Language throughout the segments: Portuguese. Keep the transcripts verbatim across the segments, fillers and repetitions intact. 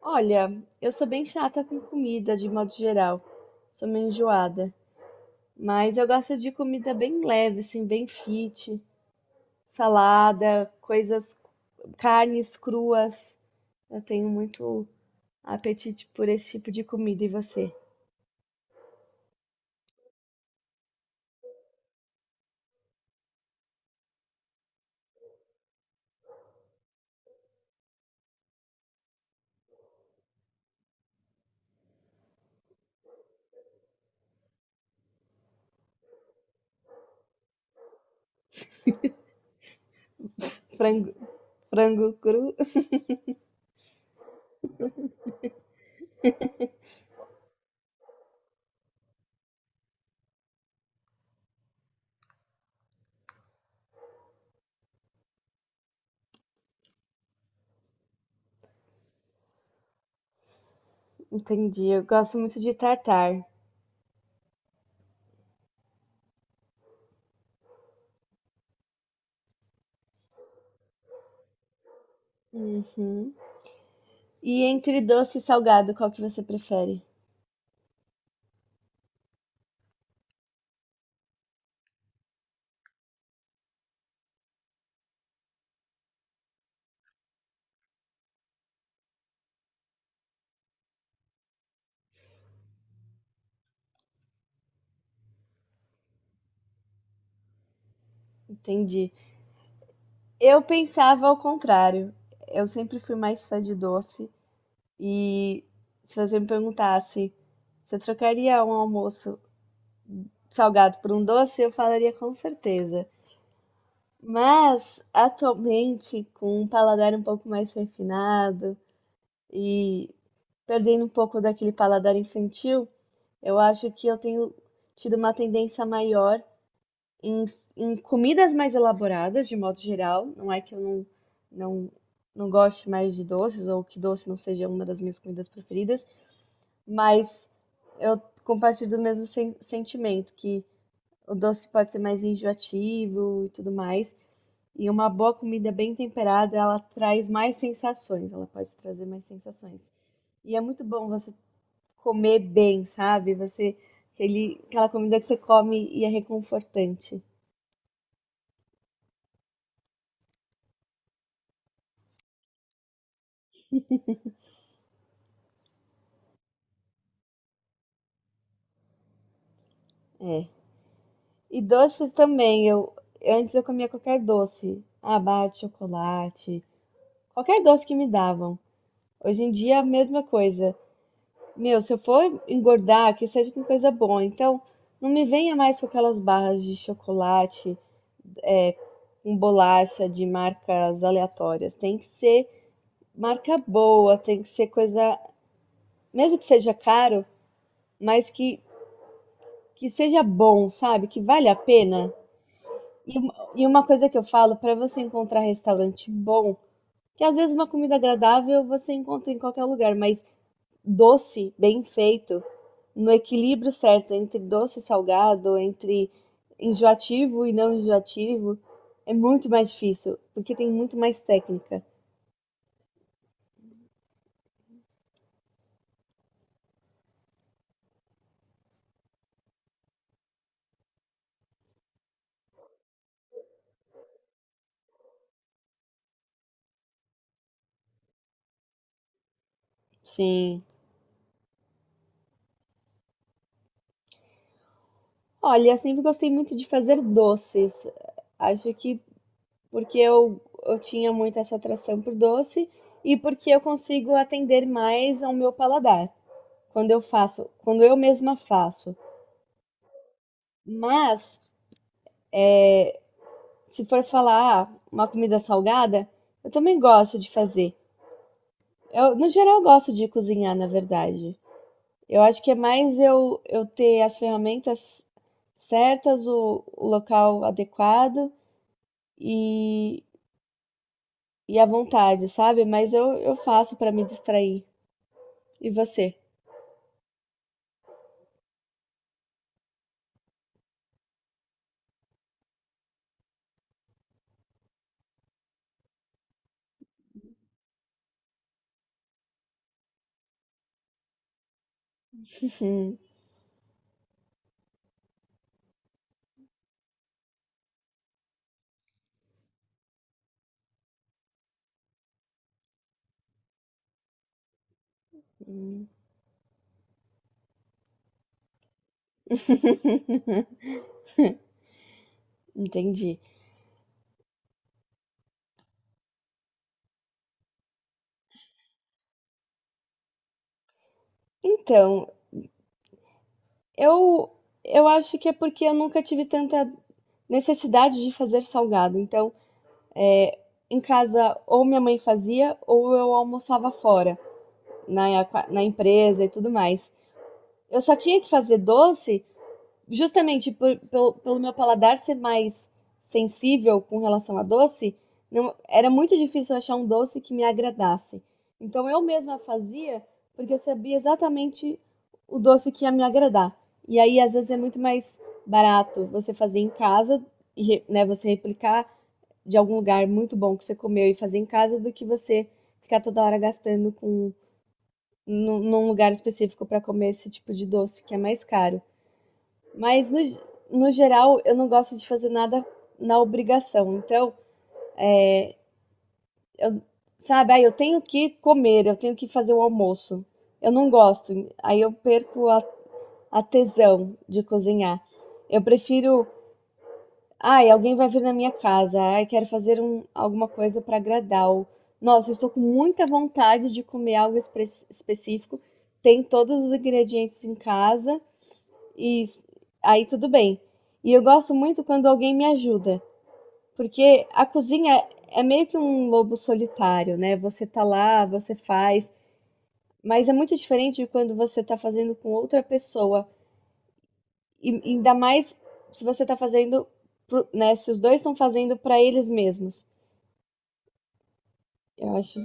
Olha, eu sou bem chata com comida de modo geral. Sou meio enjoada. Mas eu gosto de comida bem leve, assim, bem fit. Salada, coisas, carnes cruas. Eu tenho muito apetite por esse tipo de comida. E você? Frango, frango cru? Entendi. Eu gosto muito de tartar. Uhum. E entre doce e salgado, qual que você prefere? Entendi. Eu pensava ao contrário. Eu sempre fui mais fã de doce. E se você me perguntasse, você trocaria um almoço salgado por um doce? Eu falaria com certeza. Mas atualmente, com um paladar um pouco mais refinado e perdendo um pouco daquele paladar infantil, eu acho que eu tenho tido uma tendência maior em, em comidas mais elaboradas, de modo geral. Não é que eu não, não, não goste mais de doces ou que doce não seja uma das minhas comidas preferidas, mas eu compartilho do mesmo sen- sentimento, que o doce pode ser mais enjoativo e tudo mais. E uma boa comida bem temperada, ela traz mais sensações, ela pode trazer mais sensações. E é muito bom você comer bem, sabe? Você, aquele, aquela comida que você come e é reconfortante. É. E doces também, eu antes eu comia qualquer doce, abate, chocolate, qualquer doce que me davam. Hoje em dia é a mesma coisa. Meu, se eu for engordar, que seja com coisa boa. Então, não me venha mais com aquelas barras de chocolate, com bolacha de marcas aleatórias. Tem que ser marca boa, tem que ser coisa, mesmo que seja caro, mas que, que seja bom, sabe? Que vale a pena. E, uma- e uma coisa que eu falo, para você encontrar restaurante bom, que às vezes uma comida agradável você encontra em qualquer lugar, mas doce, bem feito, no equilíbrio certo entre doce e salgado, entre enjoativo e não enjoativo, é muito mais difícil, porque tem muito mais técnica. Sim. Olha, eu sempre gostei muito de fazer doces. Acho que porque eu, eu tinha muito essa atração por doce e porque eu consigo atender mais ao meu paladar quando eu faço, quando eu mesma faço. Mas se for falar, ah, uma comida salgada, eu também gosto de fazer. Eu, no geral, eu gosto de cozinhar, na verdade. Eu acho que é mais eu, eu ter as ferramentas certas, o, o local adequado e, e a vontade, sabe? Mas eu, eu faço para me distrair. E você? Hum, Entendi. Então, eu, eu acho que é porque eu nunca tive tanta necessidade de fazer salgado. Então, em casa, ou minha mãe fazia, ou eu almoçava fora, na, qua- na empresa e tudo mais. Eu só tinha que fazer doce justamente por- pelo, pelo meu paladar ser mais sensível com relação a doce, não, era muito difícil achar um doce que me agradasse. Então eu mesma fazia porque eu sabia exatamente o doce que ia me agradar. E aí, às vezes, é muito mais barato você fazer em casa, e re- né, você replicar de algum lugar muito bom que você comeu e fazer em casa do que você ficar toda hora gastando com num, num lugar específico para comer esse tipo de doce que é mais caro. Mas no, no geral, eu não gosto de fazer nada na obrigação. Então, eu, sabe, ah, eu tenho que comer, eu tenho que fazer o almoço. Eu não gosto, aí eu perco a, a tesão de cozinhar. Eu prefiro. Ai, alguém vai vir na minha casa. Ai, quero fazer um, alguma coisa para agradá-lo. Nossa, eu estou com muita vontade de comer algo espe- específico. Tem todos os ingredientes em casa e aí tudo bem. E eu gosto muito quando alguém me ajuda, porque a cozinha é meio que um lobo solitário, né? Você tá lá, você faz, mas é muito diferente de quando você tá fazendo com outra pessoa. E ainda mais se você tá fazendo, pro- né? Se os dois estão fazendo para eles mesmos. Eu acho,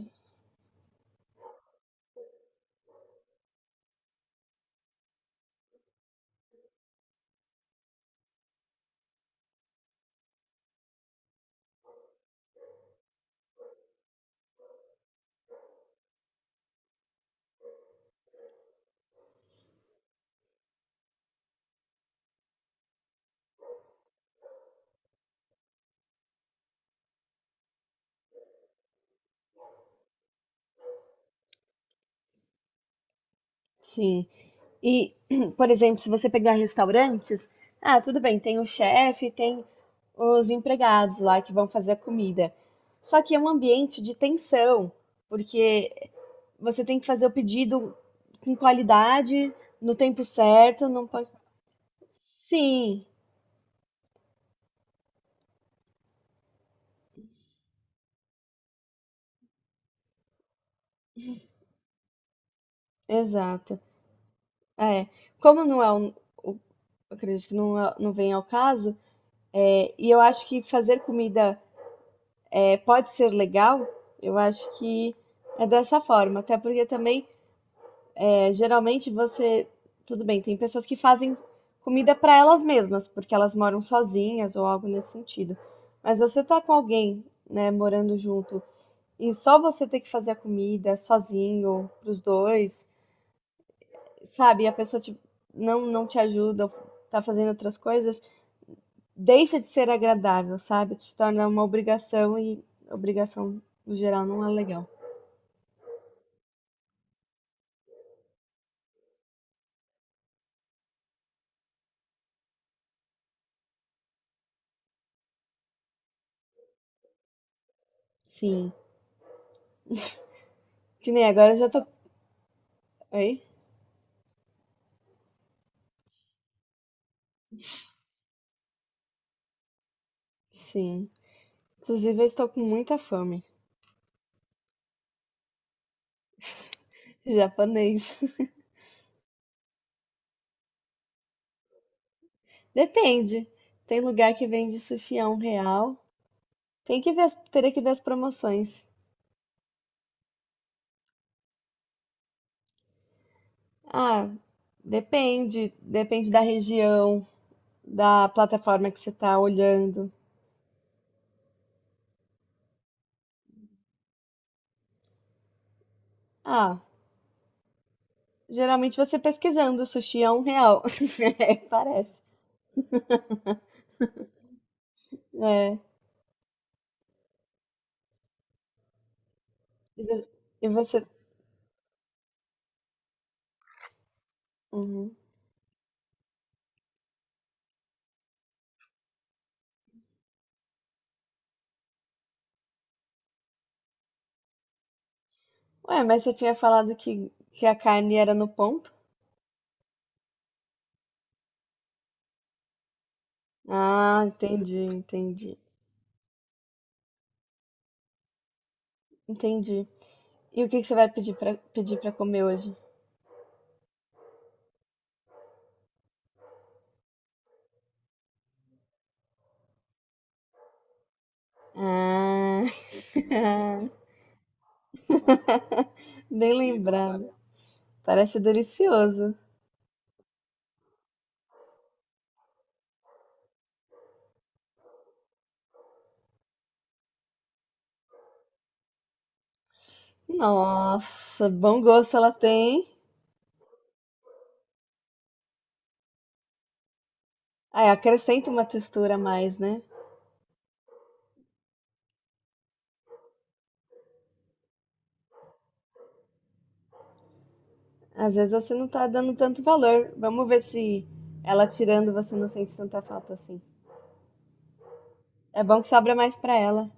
sim. E, por exemplo, se você pegar restaurantes, ah, tudo bem, tem o chefe, tem os empregados lá que vão fazer a comida. Só que é um ambiente de tensão, porque você tem que fazer o pedido com qualidade, no tempo certo, não pode. Sim, exato. É, como não é um, o- eu acredito que não, é- não vem ao caso, é, e eu acho que fazer comida pode ser legal, eu acho que é dessa forma. Até porque também, é, geralmente você. Tudo bem, tem pessoas que fazem comida para elas mesmas, porque elas moram sozinhas ou algo nesse sentido. Mas você tá com alguém, né, morando junto, e só você ter que fazer a comida sozinho, pros dois, sabe? E a pessoa te- não, não te ajuda, ou tá fazendo outras coisas, deixa de ser agradável, sabe? Te torna uma obrigação e obrigação, no geral, não é legal. Sim. Que nem agora eu já tô. Oi? Sim. Inclusive, eu estou com muita fome. Japonês. Depende. Tem lugar que vende sushi a um real. Tem que ver, as- teria que ver as promoções. Ah, depende. Depende da região, da plataforma que você tá olhando. Ah, geralmente você pesquisando sushi a um real. É, parece. É. E vo- e você. Uhum. Ué, mas você tinha falado que, que a carne era no ponto? Ah, entendi, entendi. Entendi. E o que que você vai pedir pra pedir para comer hoje? Ah, bem lembrado. Parece delicioso. Nossa, bom gosto ela tem. Ah, acrescenta uma textura a mais, né? Às vezes você não tá dando tanto valor. Vamos ver se ela tirando você não sente tanta falta assim. É bom que sobra mais pra ela.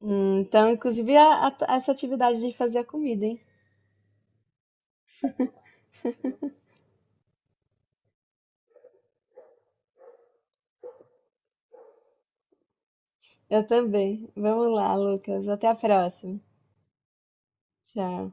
Hum, então, inclusive, a- a- essa atividade de fazer a comida, hein? Eu também. Vamos lá, Lucas. Até a próxima. Já.